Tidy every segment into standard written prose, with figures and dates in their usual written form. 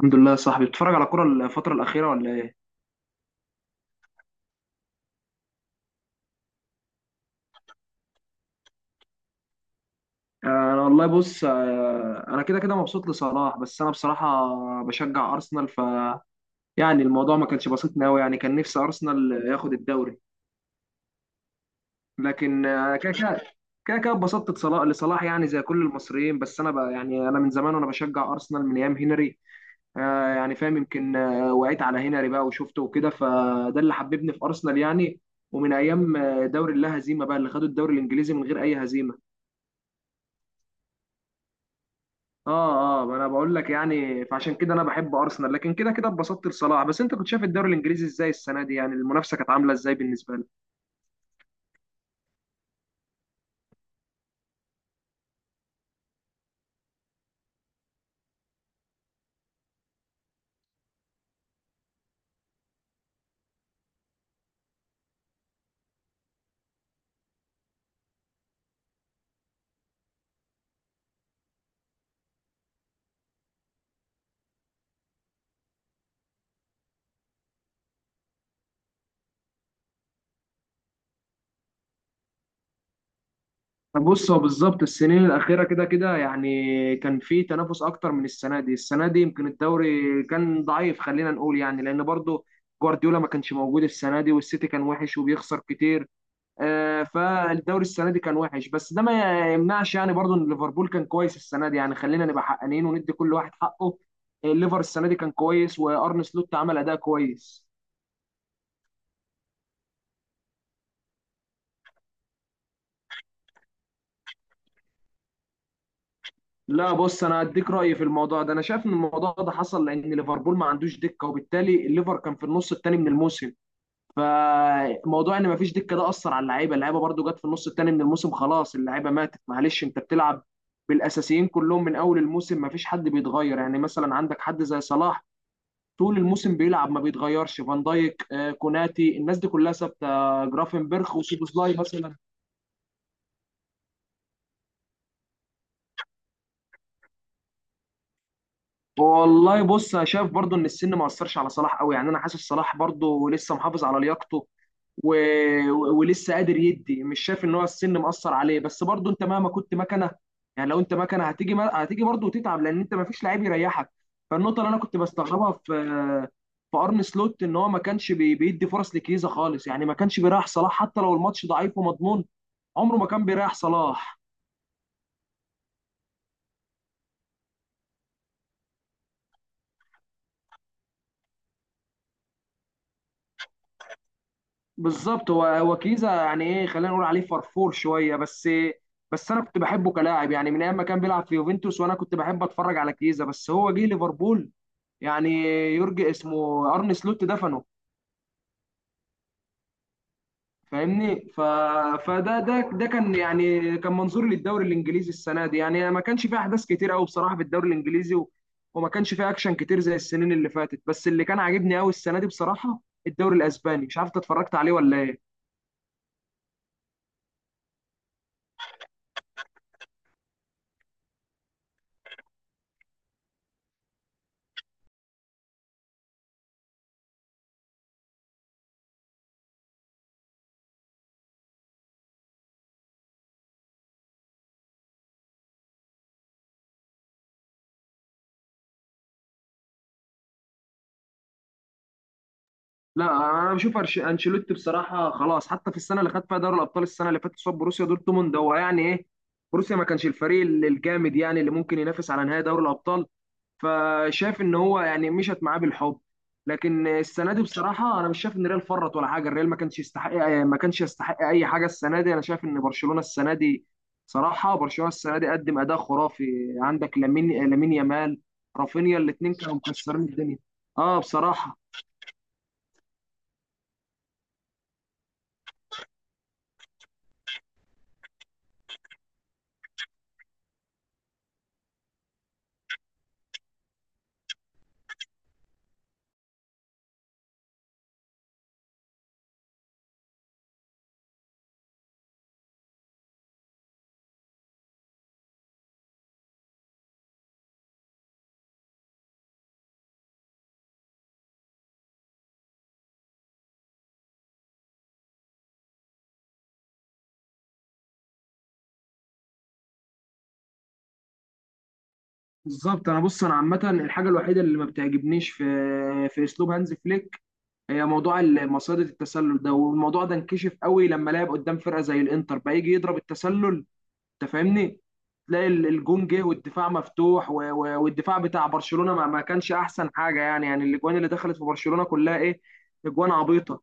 الحمد لله يا صاحبي، بتتفرج على كرة الفترة الأخيرة ولا إيه؟ أنا والله بص، أنا كده كده مبسوط لصلاح، بس أنا بصراحة بشجع أرسنال يعني الموضوع ما كانش بسيط أوي، يعني كان نفسي أرسنال ياخد الدوري. لكن كده كده اتبسطت لصلاح لصلاح، يعني زي كل المصريين. بس أنا يعني أنا من زمان وأنا بشجع أرسنال من أيام هنري. يعني فاهم، يمكن وقعت على هنري بقى وشفته وكده، فده اللي حببني في أرسنال يعني. ومن أيام دوري اللا هزيمة، بقى اللي خدوا الدوري الإنجليزي من غير أي هزيمة. اه ما انا بقول لك يعني، فعشان كده انا بحب ارسنال، لكن كده كده اتبسطت لصلاح. بس انت كنت شايف الدوري الانجليزي ازاي السنه دي؟ يعني المنافسه كانت عامله ازاي بالنسبه لك؟ بص، هو بالظبط السنين الاخيره كده كده، يعني كان في تنافس اكتر من السنه دي. السنه دي يمكن الدوري كان ضعيف، خلينا نقول، يعني لان برضو جوارديولا ما كانش موجود السنه دي، والسيتي كان وحش وبيخسر كتير. فالدوري السنه دي كان وحش، بس ده ما يمنعش، يعني برضو ان ليفربول كان كويس السنه دي. يعني خلينا نبقى حقانيين وندي كل واحد حقه. الليفر السنه دي كان كويس، وارن سلوت عمل اداء كويس. لا، بص انا هديك رايي في الموضوع ده. انا شايف ان الموضوع ده حصل لان ليفربول ما عندوش دكه، وبالتالي الليفر كان في النص الثاني من الموسم. فموضوع ان ما فيش دكه ده اثر على اللعيبه. اللعيبه برضو جت في النص الثاني من الموسم، خلاص اللعيبه ماتت، معلش انت بتلعب بالاساسيين كلهم من اول الموسم. ما فيش حد بيتغير، يعني مثلا عندك حد زي صلاح طول الموسم بيلعب ما بيتغيرش. فان دايك كوناتي، الناس دي كلها ثابته. جرافنبرخ وسوبوسلاي مثلا. والله بص، انا شايف برضو ان السن ما اثرش على صلاح قوي. يعني انا حاسس صلاح برضو لسه محافظ على لياقته و... ولسه قادر يدي. مش شايف ان هو السن مأثر عليه، بس برضو انت مهما كنت مكنه. يعني لو انت مكنه هتيجي ما... هتيجي برضو وتتعب، لان انت ما فيش لعيب يريحك. فالنقطه اللي انا كنت بستغربها في ارن سلوت ان هو ما كانش بيدي فرص لكيزا خالص. يعني ما كانش بيريح صلاح حتى لو الماتش ضعيف ومضمون. عمره ما كان بيريح صلاح. بالظبط، هو كيزا يعني ايه، خلينا نقول عليه فرفور شويه بس. بس انا كنت بحبه كلاعب، يعني من ايام ما كان بيلعب في يوفنتوس وانا كنت بحب اتفرج على كيزا. بس هو جه ليفربول يعني، يورجي اسمه، ارن سلوت دفنه. فاهمني. فده ده ده كان يعني كان منظوري للدوري الانجليزي السنه دي. يعني ما كانش فيه احداث كتير قوي بصراحه في الدوري الانجليزي، وما كانش فيه اكشن كتير زي السنين اللي فاتت. بس اللي كان عاجبني قوي السنه دي بصراحه، الدوري الاسباني، مش عارف إنت اتفرجت عليه ولا ايه؟ لا، انا بشوف انشيلوتي بصراحه خلاص. حتى في السنه اللي خد فيها دوري الابطال، السنه اللي فاتت قصاد بروسيا دورتموند، هو يعني ايه، بروسيا ما كانش الفريق الجامد يعني اللي ممكن ينافس على نهائي دوري الابطال. فشاف ان هو يعني مشت معاه بالحب. لكن السنه دي بصراحه انا مش شايف ان الريال فرط ولا حاجه. الريال ما كانش يستحق اي حاجه السنه دي. انا شايف ان برشلونه السنه دي، صراحه برشلونه السنه دي قدم اداء خرافي. عندك لامين يامال رافينيا، الاثنين كانوا مكسرين الدنيا. اه بصراحه. بالظبط. انا بص، انا عامه الحاجه الوحيده اللي ما بتعجبنيش في اسلوب هانز فليك هي موضوع مصيدة التسلل ده. والموضوع ده انكشف قوي لما لعب قدام فرقه زي الانتر، بقى يجي يضرب التسلل. انت فاهمني. تلاقي الجون جه والدفاع مفتوح والدفاع بتاع برشلونه ما كانش احسن حاجه. يعني الاجوان اللي دخلت في برشلونه كلها ايه؟ اجوان عبيطه.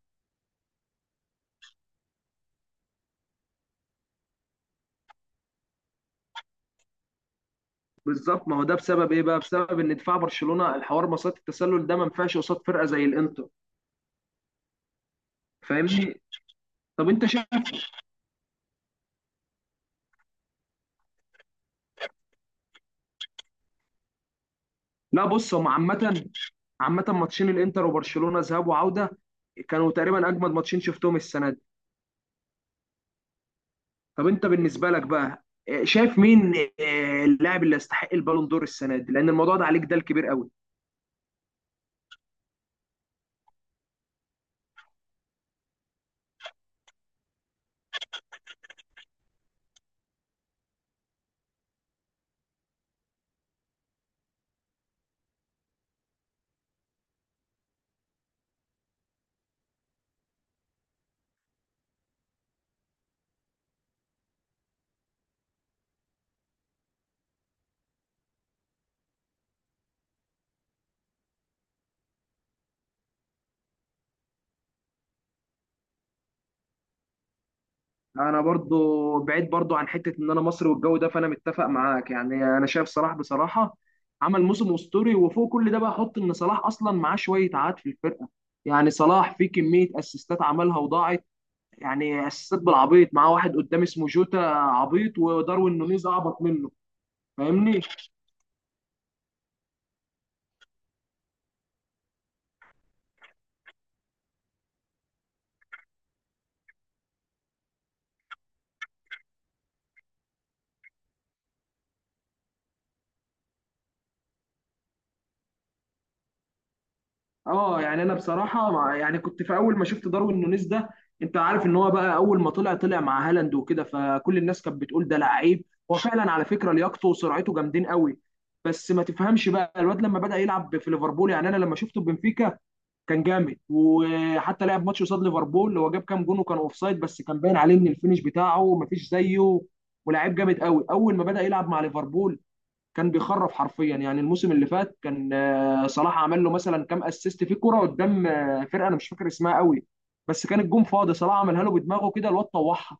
بالظبط. ما هو ده بسبب ايه بقى؟ بسبب ان دفاع برشلونه، الحوار مصيدة التسلل ده ما ينفعش قصاد فرقه زي الانتر. فاهمني. طب انت شايف؟ لا، بص هم عامة. عامة، ماتشين الانتر وبرشلونة ذهاب وعودة كانوا تقريبا اجمد ماتشين شفتهم السنة دي. طب انت بالنسبة لك بقى، شايف مين اللاعب اللي يستحق البالون دور السنة دي؟ لان الموضوع ده عليك ده الكبير قوي. انا برضو، بعيد برضو عن حتة ان انا مصري والجو ده، فانا متفق معاك. يعني انا شايف صلاح بصراحة عمل موسم اسطوري. وفوق كل ده بقى، حط ان صلاح اصلا معاه شوية عاد في الفرقة. يعني صلاح في كمية اسيستات عملها وضاعت. يعني اسيستات بالعبيط. معاه واحد قدام اسمه جوتا عبيط، وداروين نونيز اعبط منه. فاهمني. اه يعني انا بصراحه مع، يعني كنت في اول ما شفت داروين نونيز ده، انت عارف ان هو بقى اول ما طلع، طلع مع هالاند وكده، فكل الناس كانت بتقول ده لعيب. هو فعلا على فكره لياقته وسرعته جامدين قوي. بس ما تفهمش بقى الواد لما بدأ يلعب في ليفربول. يعني انا لما شفته في بنفيكا كان جامد، وحتى لعب ماتش قصاد ليفربول هو جاب كام جون وكان اوفسايد، بس كان باين عليه ان الفينش بتاعه مفيش زيه ولاعيب جامد قوي. اول ما بدأ يلعب مع ليفربول كان بيخرف حرفيا. يعني الموسم اللي فات كان صلاح عمل له مثلا كام اسيست في كرة قدام فرقة انا مش فاكر اسمها قوي، بس كان الجون فاضي، صلاح عملها له بدماغه كده، الواد طوحها.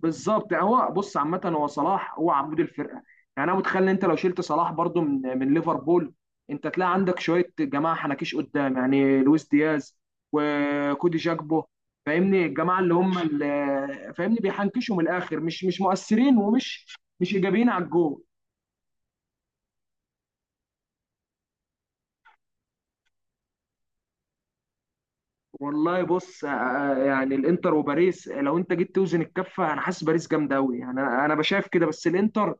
بالظبط. يعني هو بص عامة، هو صلاح هو عمود الفرقة. يعني انا متخيل ان انت لو شلت صلاح برضو من ليفربول، انت تلاقي عندك شوية جماعة حنكيش قدام، يعني لويس دياز وكودي جاكبو. فاهمني. الجماعة اللي هم اللي فاهمني بيحنكشوا من الاخر، مش مؤثرين، ومش مش ايجابيين على الجول. والله بص، يعني الانتر وباريس لو انت جيت توزن الكفه، انا حاسس باريس جامده قوي. يعني انا بشايف كده. بس الانتر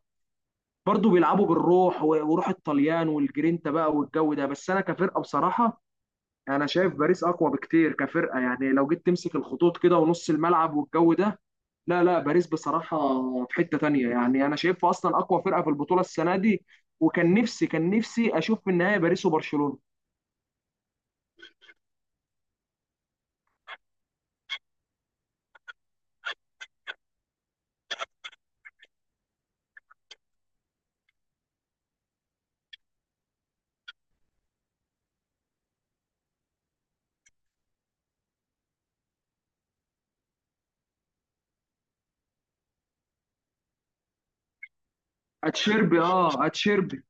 برضو بيلعبوا بالروح، وروح الطليان والجرينتا بقى والجو ده. بس انا كفرقه بصراحه، انا شايف باريس اقوى بكتير كفرقه. يعني لو جيت تمسك الخطوط كده ونص الملعب والجو ده، لا لا، باريس بصراحه في حته تانية. يعني انا شايفها اصلا اقوى فرقه في البطوله السنه دي. وكان نفسي اشوف في النهايه باريس وبرشلونه. اتشيربي.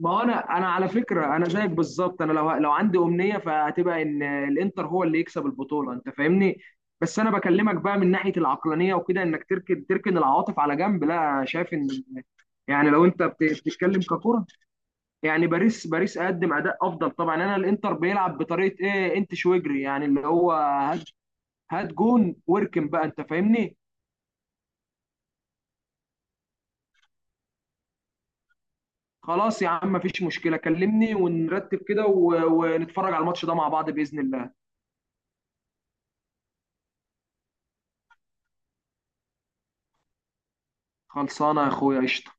ما هو، انا على فكره، انا زيك بالظبط. انا لو عندي امنيه فهتبقى ان الانتر هو اللي يكسب البطوله. انت فاهمني. بس انا بكلمك بقى من ناحيه العقلانيه وكده، انك تركن العواطف على جنب. لا، شايف ان يعني لو انت بتتكلم ككره، يعني باريس قدم اداء افضل طبعا. يعني انا الانتر بيلعب بطريقه ايه؟ انت شويجري يعني، اللي هو هات هات جون واركن بقى، انت فاهمني. خلاص يا عم، مفيش مشكله، كلمني ونرتب كده ونتفرج على الماتش ده مع بعض باذن الله. خلصانه يا اخويا، قشطه.